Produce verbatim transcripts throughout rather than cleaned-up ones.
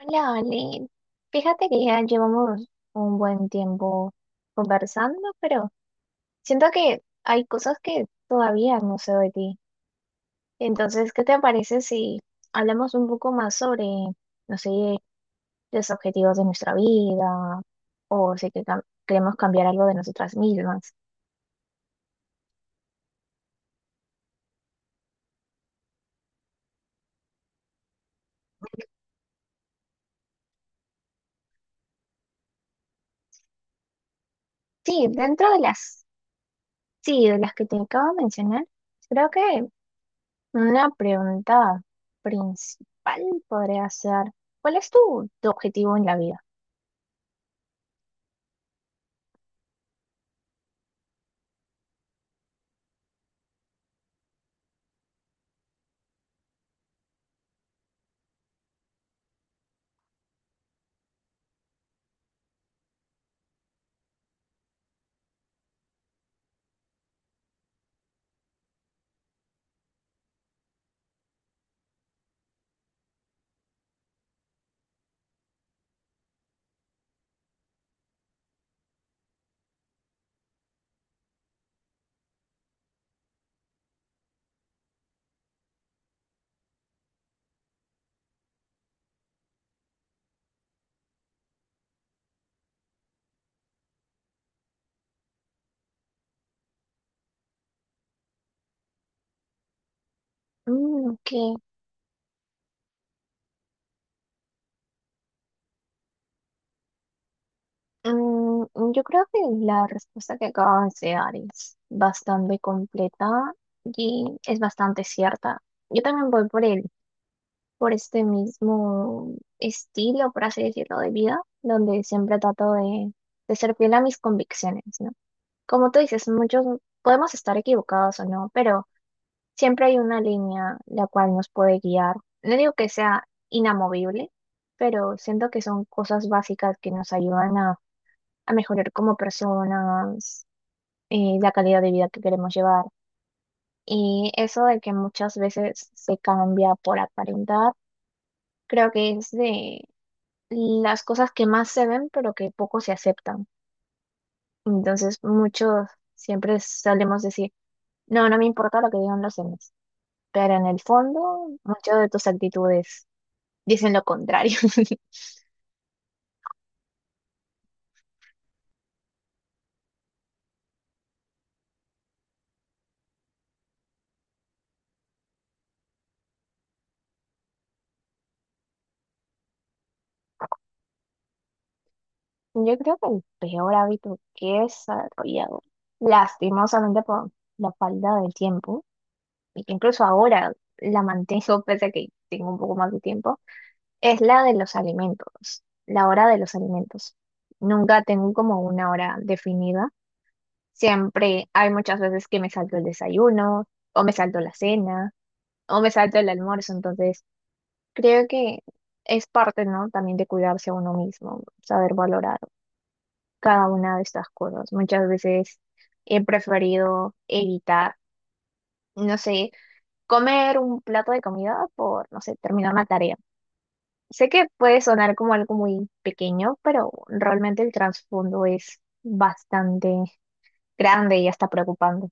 Hola, Oli. Fíjate que ya llevamos un buen tiempo conversando, pero siento que hay cosas que todavía no sé de ti. Entonces, ¿qué te parece si hablamos un poco más sobre, no sé, los objetivos de nuestra vida o si que cam- queremos cambiar algo de nosotras mismas? Sí, dentro de las, sí, de las que te acabo de mencionar, creo que una pregunta principal podría ser, ¿cuál es tu, tu objetivo en la vida? Mm, ok. Mm, yo creo que la respuesta que acabas de dar es bastante completa y es bastante cierta. Yo también voy por el, por este mismo estilo, por así decirlo, de vida, donde siempre trato de, de ser fiel a mis convicciones, ¿no? Como tú dices, muchos podemos estar equivocados o no, pero siempre hay una línea la cual nos puede guiar. No digo que sea inamovible, pero siento que son cosas básicas que nos ayudan a, a mejorar como personas, eh, la calidad de vida que queremos llevar. Y eso de que muchas veces se cambia por aparentar, creo que es de las cosas que más se ven, pero que poco se aceptan. Entonces, muchos siempre solemos decir, no, no me importa lo que digan los demás, pero en el fondo, muchas de tus actitudes dicen lo contrario. Yo creo que el peor hábito que he desarrollado, lastimosamente por la falta de tiempo, y que incluso ahora la mantengo pese a que tengo un poco más de tiempo, es la de los alimentos, la hora de los alimentos. Nunca tengo como una hora definida. Siempre hay muchas veces que me salto el desayuno, o me salto la cena, o me salto el almuerzo. Entonces, creo que es parte, ¿no? También de cuidarse a uno mismo, saber valorar cada una de estas cosas. Muchas veces he preferido evitar, no sé, comer un plato de comida por, no sé, terminar una tarea. Sé que puede sonar como algo muy pequeño, pero realmente el trasfondo es bastante grande y hasta preocupante.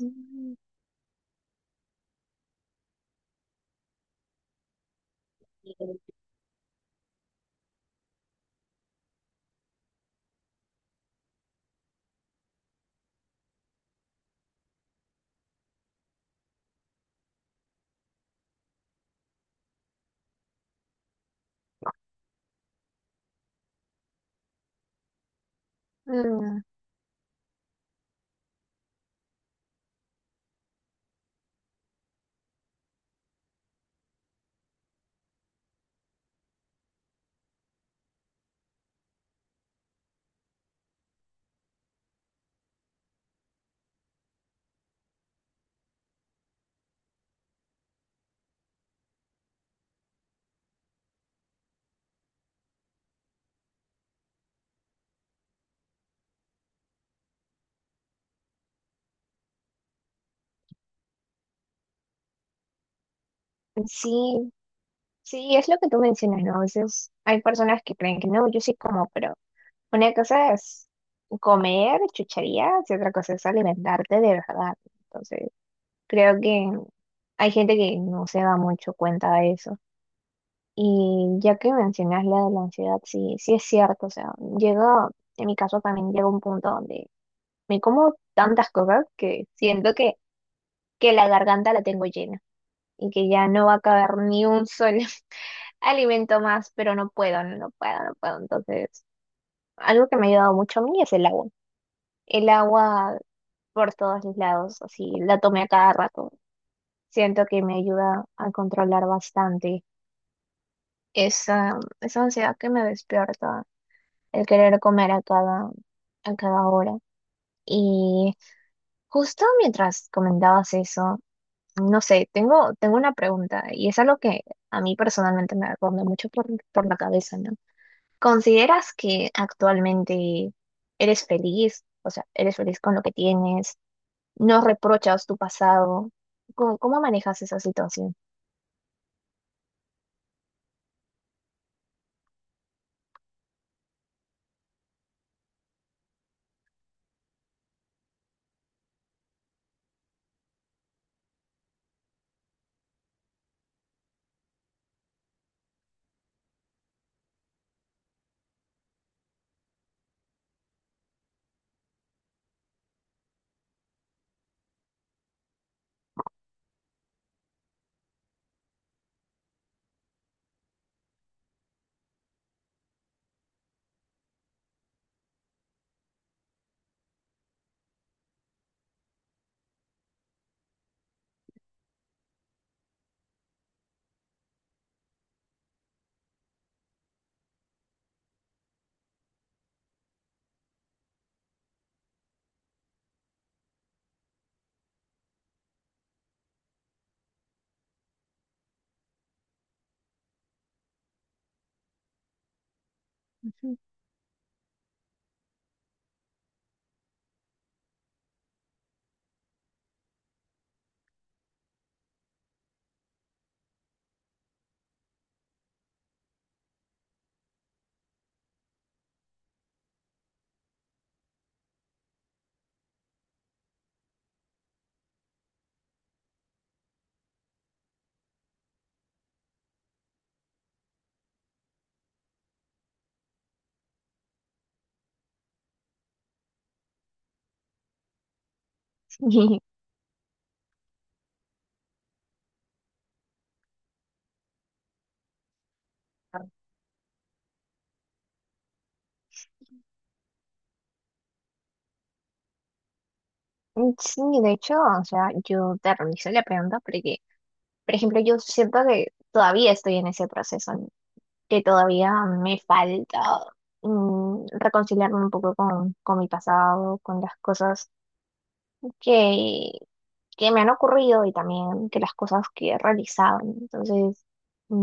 Mm. Mm, sí, sí, es lo que tú mencionas, ¿no? A veces hay personas que creen que no, yo sí como, pero una cosa es comer chucherías y otra cosa es alimentarte de verdad. Entonces, creo que hay gente que no se da mucho cuenta de eso. Y ya que mencionas la de la ansiedad, sí, sí es cierto. O sea, llega, en mi caso también llega un punto donde me como tantas cosas que siento que, que la garganta la tengo llena y que ya no va a caber ni un solo alimento más, pero no puedo, no no puedo, no puedo. Entonces, algo que me ha ayudado mucho a mí es el agua. El agua por todos los lados, así, la tomé a cada rato. Siento que me ayuda a controlar bastante esa, esa ansiedad que me despierta, el querer comer a cada, a cada hora. Y justo mientras comentabas eso, no sé, tengo, tengo una pregunta y es algo que a mí personalmente me ronda mucho por, por la cabeza, ¿no? ¿Consideras que actualmente eres feliz? O sea, ¿eres feliz con lo que tienes? ¿No reprochas tu pasado? ¿Cómo, ¿cómo manejas esa situación? Sí. Sí, de hecho, o sea, yo te realicé la pregunta porque, por ejemplo, yo siento que todavía estoy en ese proceso. ¿No? Que todavía me falta, mm, reconciliarme un poco con, con mi pasado, con las cosas que, que me han ocurrido y también que las cosas que he realizado. Entonces,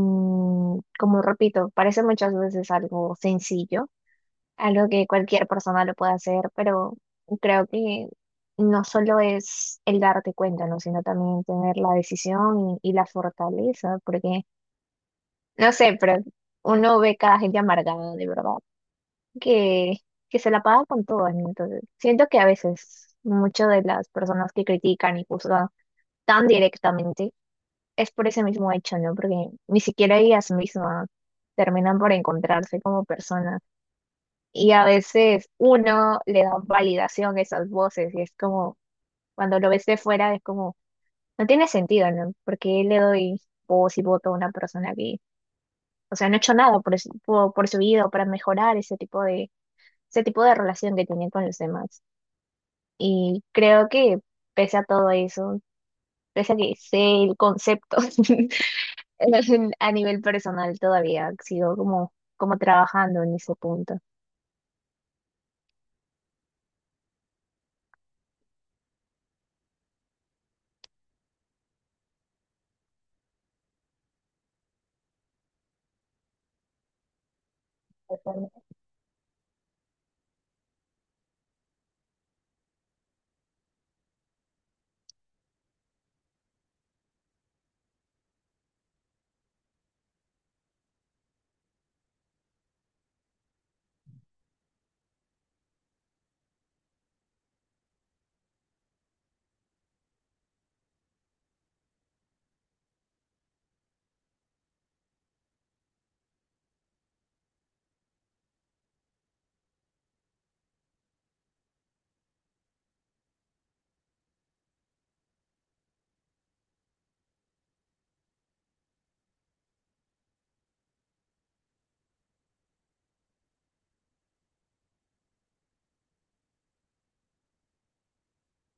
mm, como repito, parece muchas veces algo sencillo, algo que cualquier persona lo puede hacer, pero creo que no solo es el darte cuenta, ¿no? Sino también tener la decisión y, y la fortaleza, porque, no sé, pero uno ve cada gente amargada, de verdad. que, que se la paga con todo, ¿no? Entonces, siento que a veces muchas de las personas que critican y juzgan tan directamente es por ese mismo hecho, ¿no? Porque ni siquiera ellas mismas terminan por encontrarse como personas. Y a veces uno le da validación a esas voces y es como, cuando lo ves de fuera, es como, no tiene sentido, ¿no? Porque le doy voz y voto a una persona que, o sea, no ha hecho nada por, su- por, por su vida o para mejorar ese tipo de, ese tipo de relación que tienen con los demás. Y creo que pese a todo eso, pese a que sé el concepto en- a nivel personal, todavía sigo como, como trabajando en ese punto.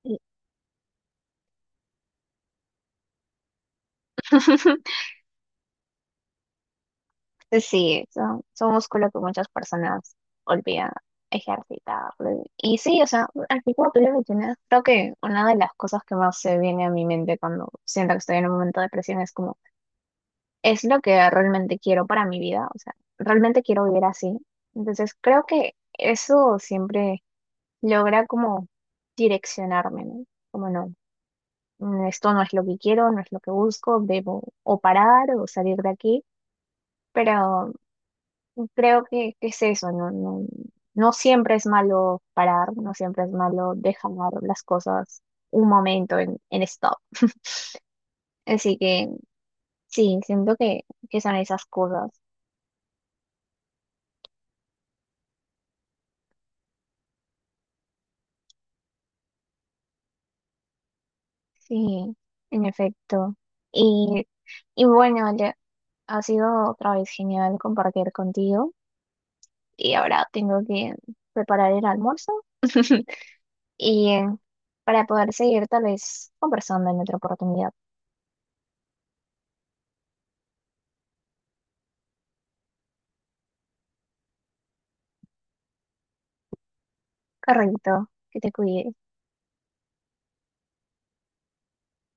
Y- Sí, son, son músculos que muchas personas olvidan ejercitar. Y sí, o sea, así como tú lo mencionas, creo que una de las cosas que más se viene a mi mente cuando siento que estoy en un momento de presión es como es lo que realmente quiero para mi vida, o sea, realmente quiero vivir así. Entonces creo que eso siempre logra como direccionarme, ¿no? Como no, mm, esto no es lo que quiero, no es lo que busco, debo o parar o salir de aquí, pero creo que, que es eso, ¿no? No, no siempre es malo parar, no siempre es malo dejar las cosas un momento en, en stop. Así que sí, siento que, que son esas cosas. Sí, en efecto. Y, y bueno, Ale, ha sido otra vez genial compartir contigo. Y ahora tengo que preparar el almuerzo y eh, para poder seguir tal vez conversando en otra oportunidad. Correcto, que te cuides.